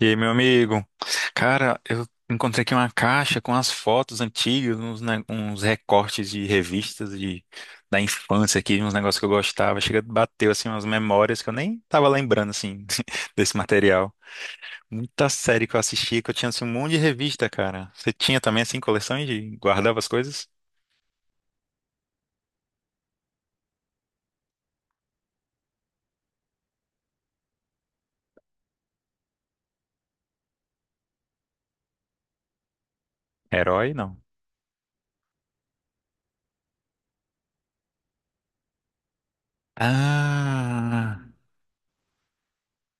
E aí, meu amigo? Cara, eu encontrei aqui uma caixa com as fotos antigas, uns, uns recortes de revistas de, da infância aqui, uns negócios que eu gostava. Chega, bateu assim umas memórias que eu nem tava lembrando assim desse material. Muita série que eu assistia, que eu tinha assim, um monte de revista, cara. Você tinha também assim coleção de guardava as coisas? Herói, não. Ah,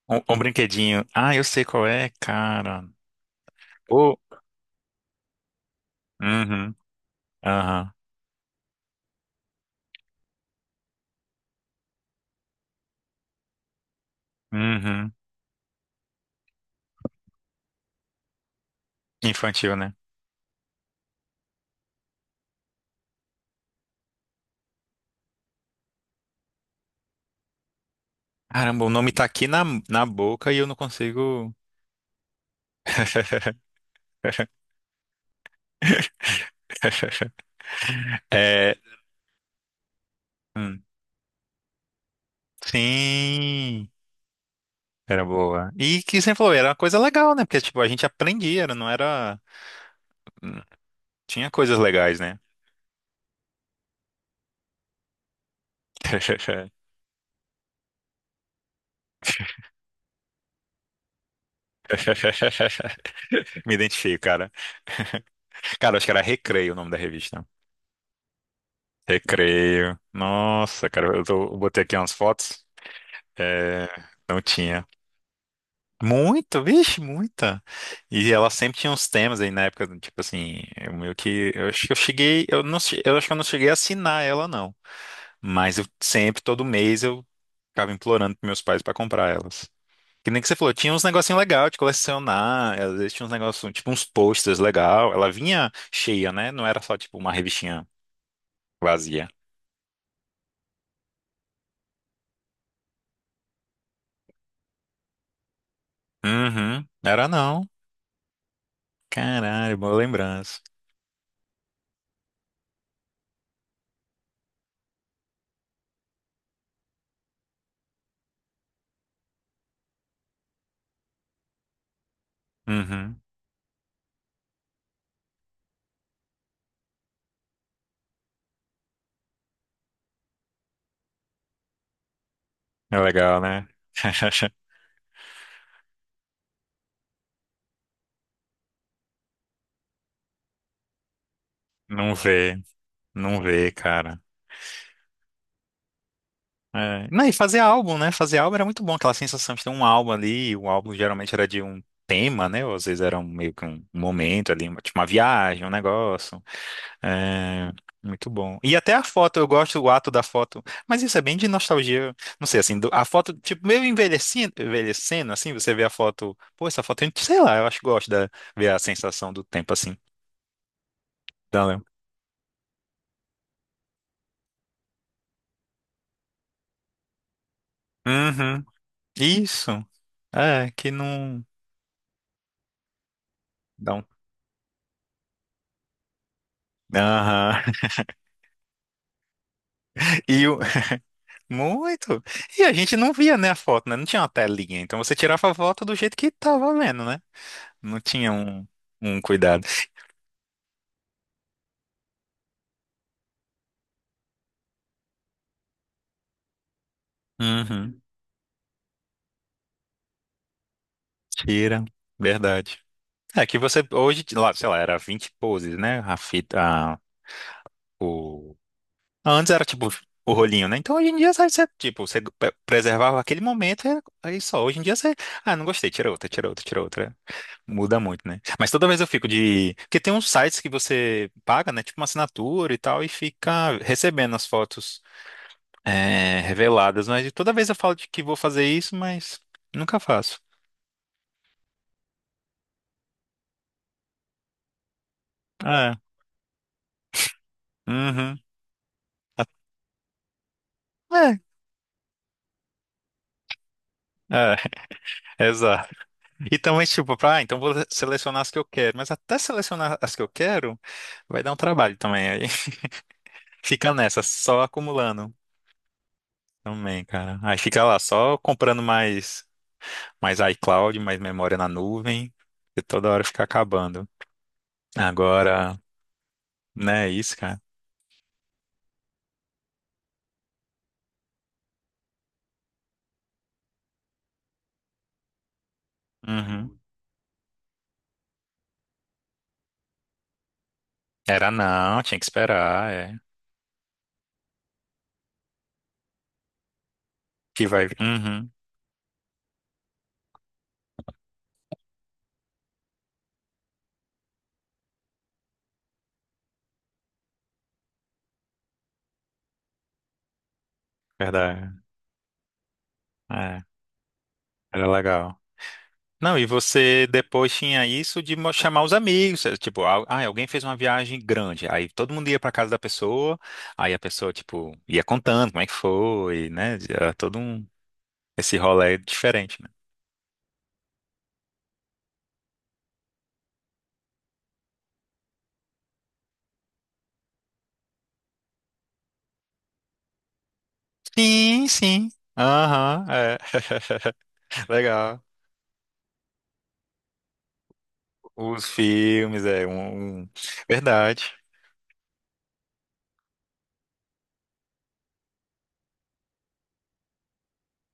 um brinquedinho. Ah, eu sei qual é, cara. Pô. Uhum, aham, uhum. Infantil, né? Caramba, o nome tá aqui na, na boca e eu não consigo. É, hum, sim, era boa. E que você falou, era uma coisa legal, né? Porque, tipo, a gente aprendia, não era. Hum, tinha coisas legais, né? Me identifico, cara. Cara, acho que era Recreio o nome da revista. Recreio. Nossa, cara, eu, eu botei aqui umas fotos. É, não tinha. Muito, vixe, muita. E ela sempre tinha uns temas aí na época, tipo assim, eu meio que, eu acho que eu cheguei, eu não, eu acho que eu não cheguei a assinar ela não, mas eu sempre, todo mês eu ficava implorando pros meus pais pra comprar elas. Que nem que você falou, tinha uns negocinho legal de colecionar, às vezes tinha uns negócios, tipo uns posters legal, ela vinha cheia, né? Não era só tipo uma revistinha vazia. Uhum, era não. Caralho, boa lembrança. Uhum, é legal, né? Não vê. Não vê, cara. É. Não, e fazer álbum, né? Fazer álbum era muito bom, aquela sensação de ter um álbum ali, o álbum geralmente era de um tema, né? Ou às vezes era um, meio que um momento ali, tipo uma viagem, um negócio. É, muito bom. E até a foto, eu gosto do ato da foto, mas isso é bem de nostalgia, não sei, assim, a foto, tipo, meio envelhecendo, envelhecendo, assim, você vê a foto, pô, essa foto, sei lá, eu acho que gosto de ver a sensação do tempo, assim. Dá, Léo? Uhum. Isso. É, que não... Dá um aham. E o... Muito. E a gente não via, né, a foto, né? Não tinha uma telinha. Então você tirava a foto do jeito que tava vendo, né? Não tinha um, um cuidado. Uhum. Tira. Verdade. É que você hoje, lá, sei lá, era 20 poses, né? A fita, a- o... Antes era tipo o rolinho, né? Então hoje em dia, sabe, você, tipo, você preservava aquele momento e aí só. Hoje em dia você, ah, não gostei, tira outra, tira outra, tira outra. Muda muito, né? Mas toda vez eu fico de. Porque tem uns sites que você paga, né? Tipo uma assinatura e tal, e fica recebendo as fotos é, reveladas. Mas toda vez eu falo de que vou fazer isso, mas nunca faço. É. Uhum. É. É, exato. E também, tipo, ah, então vou selecionar as que eu quero. Mas até selecionar as que eu quero, vai dar um trabalho também. Aí fica nessa, só acumulando também, cara. Aí fica lá, só comprando mais. Mais iCloud, mais memória na nuvem, e toda hora fica acabando. Agora, né, isso, cara? Uhum. Era não, tinha que esperar, é. Que vai. Uhum, verdade. É, era legal. Não, e você depois tinha isso de chamar os amigos, é, tipo, ah, alguém fez uma viagem grande, aí todo mundo ia pra casa da pessoa, aí a pessoa, tipo, ia contando como é que foi, né? Era todo um, esse rolê diferente, né? Sim, sim. Aham, é. Legal. Os filmes, é um. Um- Verdade.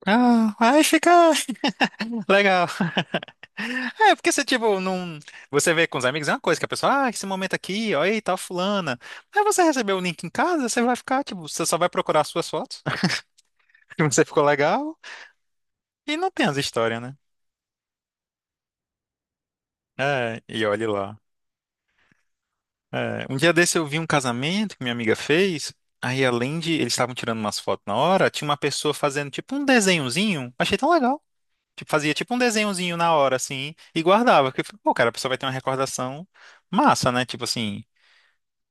Ah, aí fica legal. É, porque você, tipo, não. Você vê com os amigos, é uma coisa que a pessoa, ah, esse momento aqui, ó, aí, tal, fulana. Aí você recebeu o link em casa, você vai ficar, tipo, você só vai procurar as suas fotos, que você ficou legal, e não tem as histórias, né? É, e olhe lá. É, um dia desse eu vi um casamento que minha amiga fez, aí além de eles estavam tirando umas fotos na hora, tinha uma pessoa fazendo, tipo, um desenhozinho, achei tão legal. Tipo, fazia tipo um desenhozinho na hora, assim, e guardava. Porque, eu falei, pô, cara, a pessoa vai ter uma recordação massa, né? Tipo assim,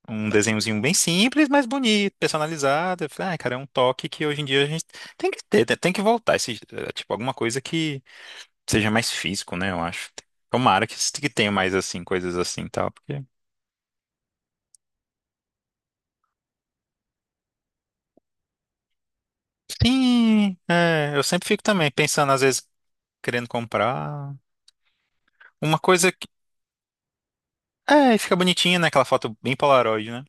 um desenhozinho bem simples, mas bonito, personalizado. Eu falei, ai, cara, é um toque que hoje em dia a gente tem que ter, né? Tem que voltar. Esse, eh, tipo, alguma coisa que seja mais físico, né? Eu acho. Tomara que tenha mais, assim, coisas assim e tal. Porque... Sim, é, eu sempre fico também pensando, às vezes, querendo comprar. Uma coisa que. É, fica bonitinha, né? Aquela foto bem Polaroid, né?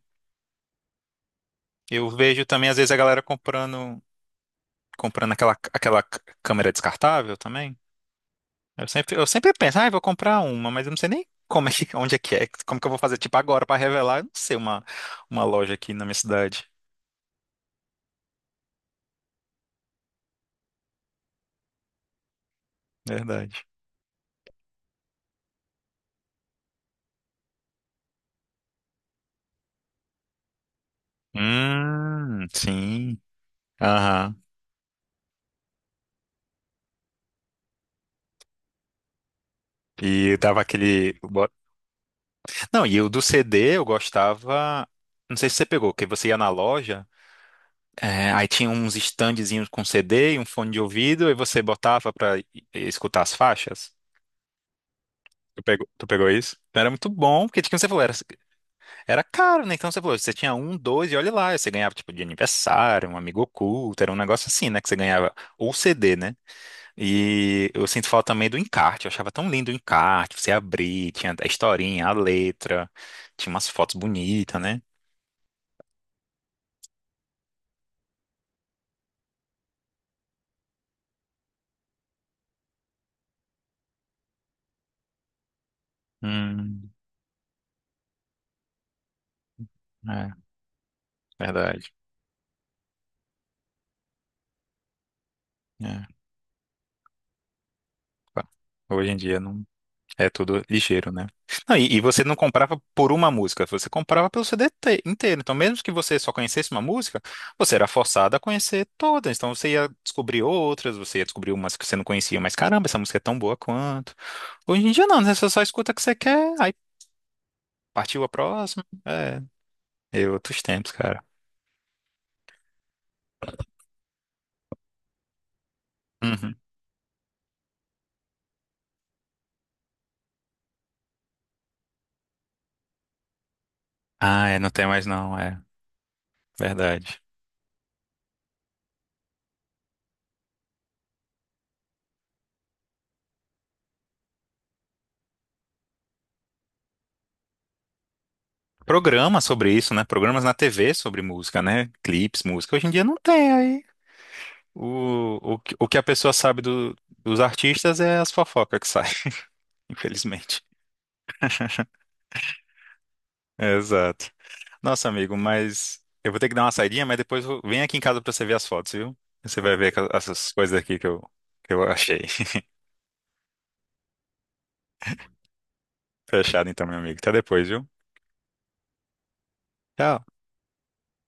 Eu vejo também, às vezes, a galera comprando. Comprando aquela, aquela câmera descartável também. Eu sempre penso, ah, eu vou comprar uma, mas eu não sei nem como é que, onde é que é, como que eu vou fazer, tipo, agora para revelar, eu não sei uma loja aqui na minha cidade. Verdade. Sim. Aham. E dava aquele. Não, e o do CD eu gostava. Não sei se você pegou, que você ia na loja, é, aí tinha uns standzinhos com CD e um fone de ouvido, e você botava escutar as faixas. Tu pegou isso? Então, era muito bom, porque como você falou, era, era caro, né? Então você falou, você tinha um, dois, e olha lá, você ganhava tipo de aniversário, um amigo oculto, era um negócio assim, né? Que você ganhava, ou CD, né? E eu sinto falta também do encarte, eu achava tão lindo o encarte, você abrir, tinha a historinha, a letra, tinha umas fotos bonitas, né? Hum, é, verdade. É. Hoje em dia não. É tudo ligeiro, né? Não, e você não comprava por uma música, você comprava pelo CD inteiro. Então, mesmo que você só conhecesse uma música, você era forçado a conhecer todas. Então, você ia descobrir outras, você ia descobrir umas que você não conhecia, mas caramba, essa música é tão boa quanto. Hoje em dia, não, né? Você só escuta o que você quer, aí partiu a próxima. É, é outros tempos, cara. Uhum. Ah, é, não tem mais não, é verdade. Programas sobre isso, né? Programas na TV sobre música, né? Clipes, música. Hoje em dia não tem. O que a pessoa sabe dos artistas é as fofocas que saem, infelizmente. Exato. Nossa, amigo, mas eu vou ter que dar uma saidinha, mas depois vem aqui em casa pra você ver as fotos, viu? Você vai ver essas coisas aqui que eu achei. Fechado então, meu amigo. Até depois, viu? Tchau.